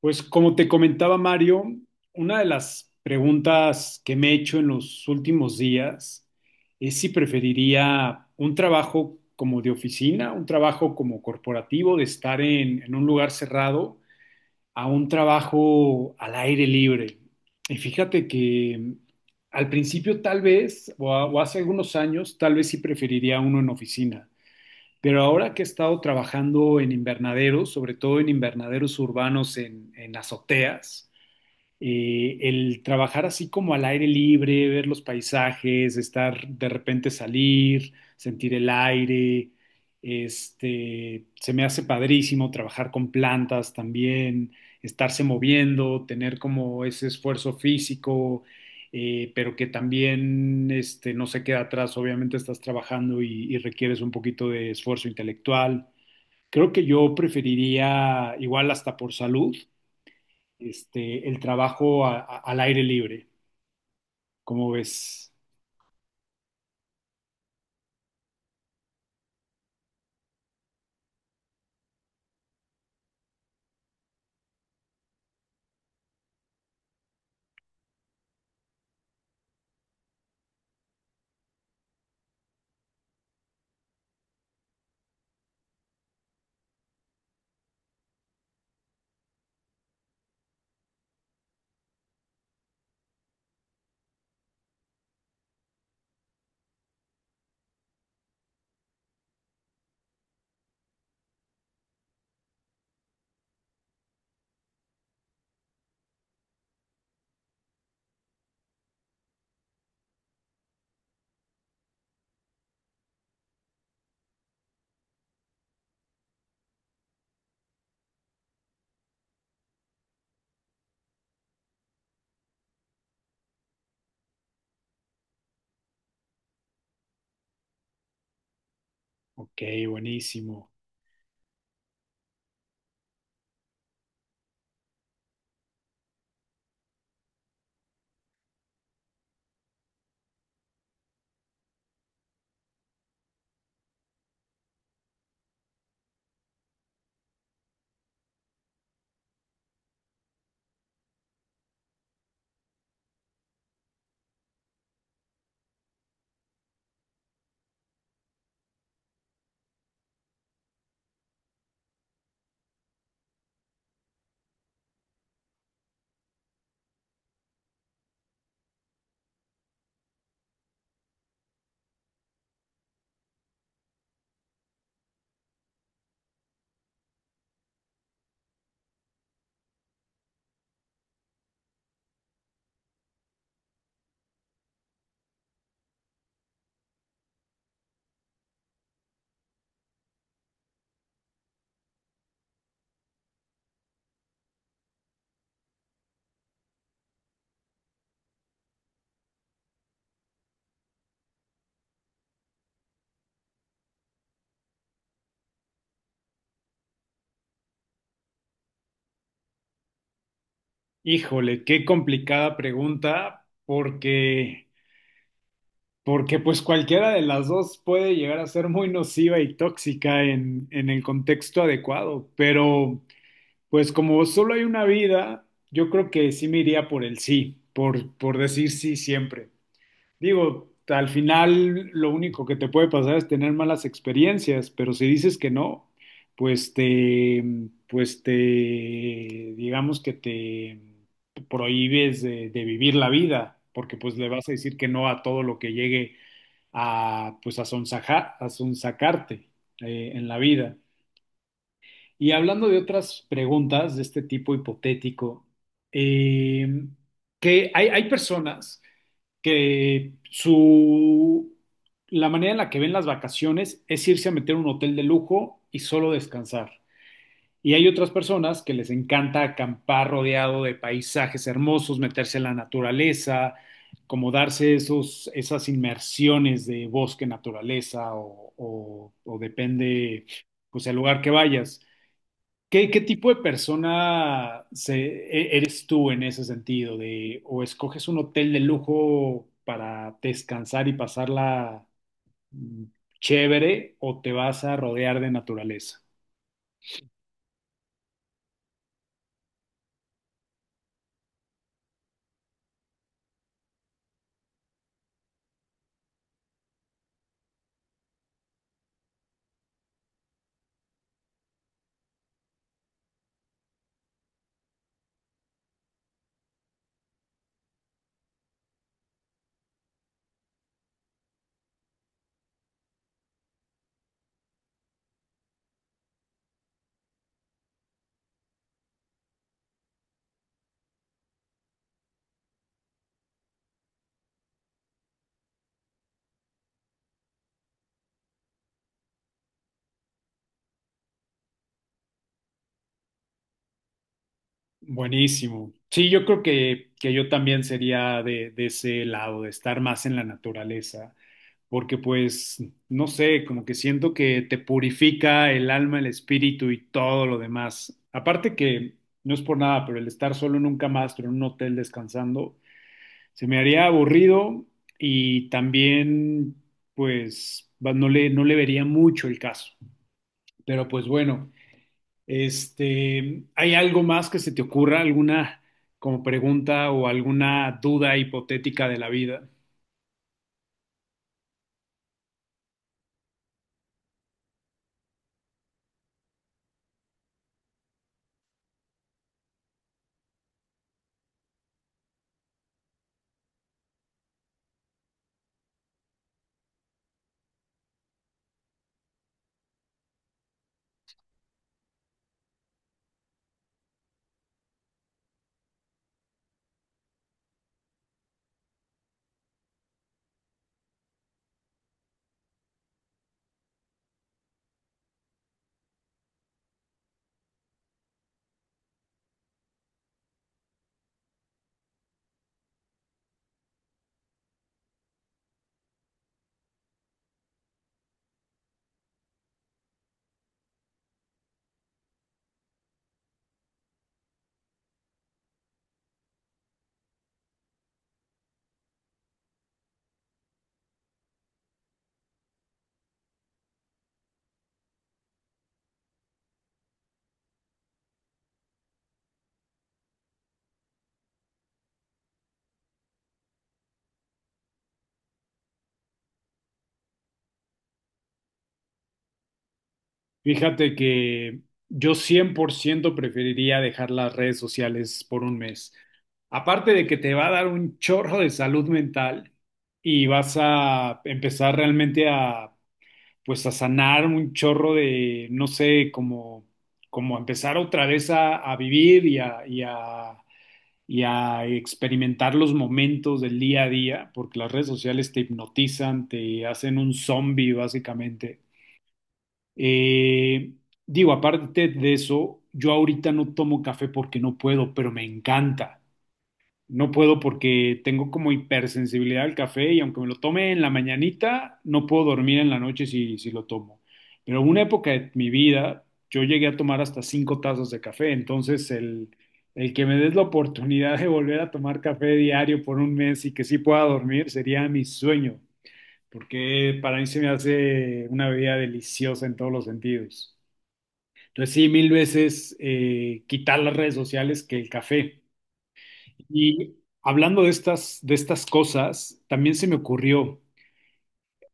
Pues como te comentaba Mario, una de las preguntas que me he hecho en los últimos días es si preferiría un trabajo como de oficina, un trabajo como corporativo, de estar en un lugar cerrado, a un trabajo al aire libre. Y fíjate que al principio tal vez, o, o hace algunos años, tal vez sí preferiría uno en oficina. Pero ahora que he estado trabajando en invernaderos, sobre todo en invernaderos urbanos en azoteas, el trabajar así como al aire libre, ver los paisajes, estar de repente salir, sentir el aire, este, se me hace padrísimo trabajar con plantas también, estarse moviendo, tener como ese esfuerzo físico, pero que también este, no se queda atrás. Obviamente estás trabajando y requieres un poquito de esfuerzo intelectual. Creo que yo preferiría, igual hasta por salud, este, el trabajo al aire libre. ¿Cómo ves? Ok, buenísimo. Híjole, qué complicada pregunta, porque, porque pues cualquiera de las dos puede llegar a ser muy nociva y tóxica en el contexto adecuado, pero pues como solo hay una vida, yo creo que sí me iría por el sí, por decir sí siempre. Digo, al final lo único que te puede pasar es tener malas experiencias, pero si dices que no, pues te, pues te, digamos que te prohíbes de vivir la vida, porque pues le vas a decir que no a todo lo que llegue a, pues a sonsacarte en la vida. Y hablando de otras preguntas de este tipo hipotético, eh, que hay personas que su la manera en la que ven las vacaciones es irse a meter a un hotel de lujo y solo descansar. Y hay otras personas que les encanta acampar rodeado de paisajes hermosos, meterse en la naturaleza, como darse esas inmersiones de bosque, naturaleza o depende, pues, el lugar que vayas. ¿Qué, qué tipo de persona eres tú en ese sentido? De, ¿o escoges un hotel de lujo para descansar y pasarla mm, chévere o te vas a rodear de naturaleza? Buenísimo. Sí, yo creo que yo también sería de ese lado, de estar más en la naturaleza, porque pues, no sé, como que siento que te purifica el alma, el espíritu y todo lo demás. Aparte que, no es por nada, pero el estar solo nunca más, pero en un hotel descansando, se me haría aburrido y también, pues, no no le vería mucho el caso. Pero pues bueno, este, ¿hay algo más que se te ocurra? ¿Alguna como pregunta o alguna duda hipotética de la vida? Fíjate que yo 100% preferiría dejar las redes sociales por un mes. Aparte de que te va a dar un chorro de salud mental y vas a empezar realmente a, pues a sanar un chorro de, no sé, como, como empezar otra vez a vivir y a experimentar los momentos del día a día, porque las redes sociales te hipnotizan, te hacen un zombie básicamente. Eh, digo, aparte de eso, yo ahorita no tomo café porque no puedo, pero me encanta. No puedo porque tengo como hipersensibilidad al café y aunque me lo tome en la mañanita, no puedo dormir en la noche si lo tomo. Pero en una época de mi vida, yo llegué a tomar hasta 5 tazas de café. Entonces, el que me des la oportunidad de volver a tomar café diario por un mes y que sí pueda dormir sería mi sueño, porque para mí se me hace una bebida deliciosa en todos los sentidos. Entonces sí, mil veces quitar las redes sociales que el café. Y hablando de estas cosas, también se me ocurrió,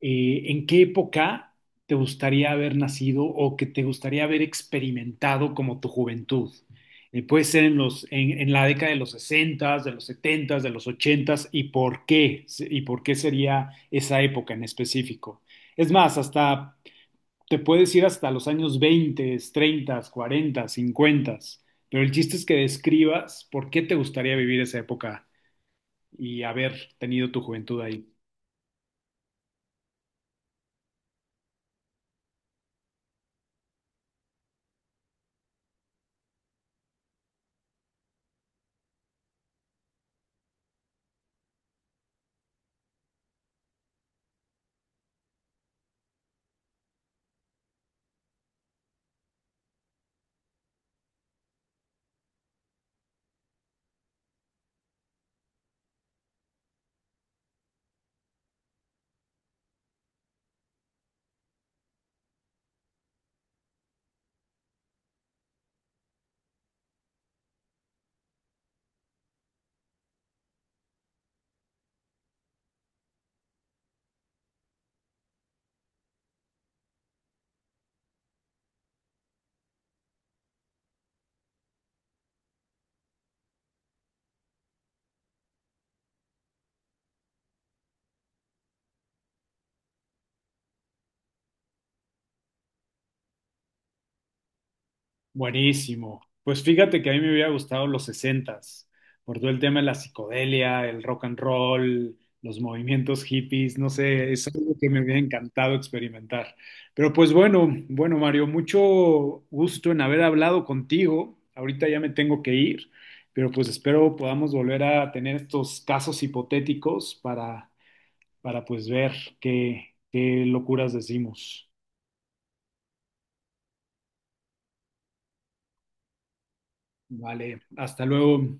¿en qué época te gustaría haber nacido o que te gustaría haber experimentado como tu juventud? Puede ser en los, en la década de los 60s, de los 70s, de los 80s, ¿y por qué? ¿Y por qué sería esa época en específico? Es más, hasta te puedes ir hasta los años 20, 30, 40, 50, pero el chiste es que describas por qué te gustaría vivir esa época y haber tenido tu juventud ahí. Buenísimo. Pues fíjate que a mí me hubiera gustado los sesentas, por todo el tema de la psicodelia, el rock and roll, los movimientos hippies, no sé, es algo que me hubiera encantado experimentar. Pero pues bueno, bueno Mario, mucho gusto en haber hablado contigo. Ahorita ya me tengo que ir, pero pues espero podamos volver a tener estos casos hipotéticos para pues ver qué, qué locuras decimos. Vale, hasta luego.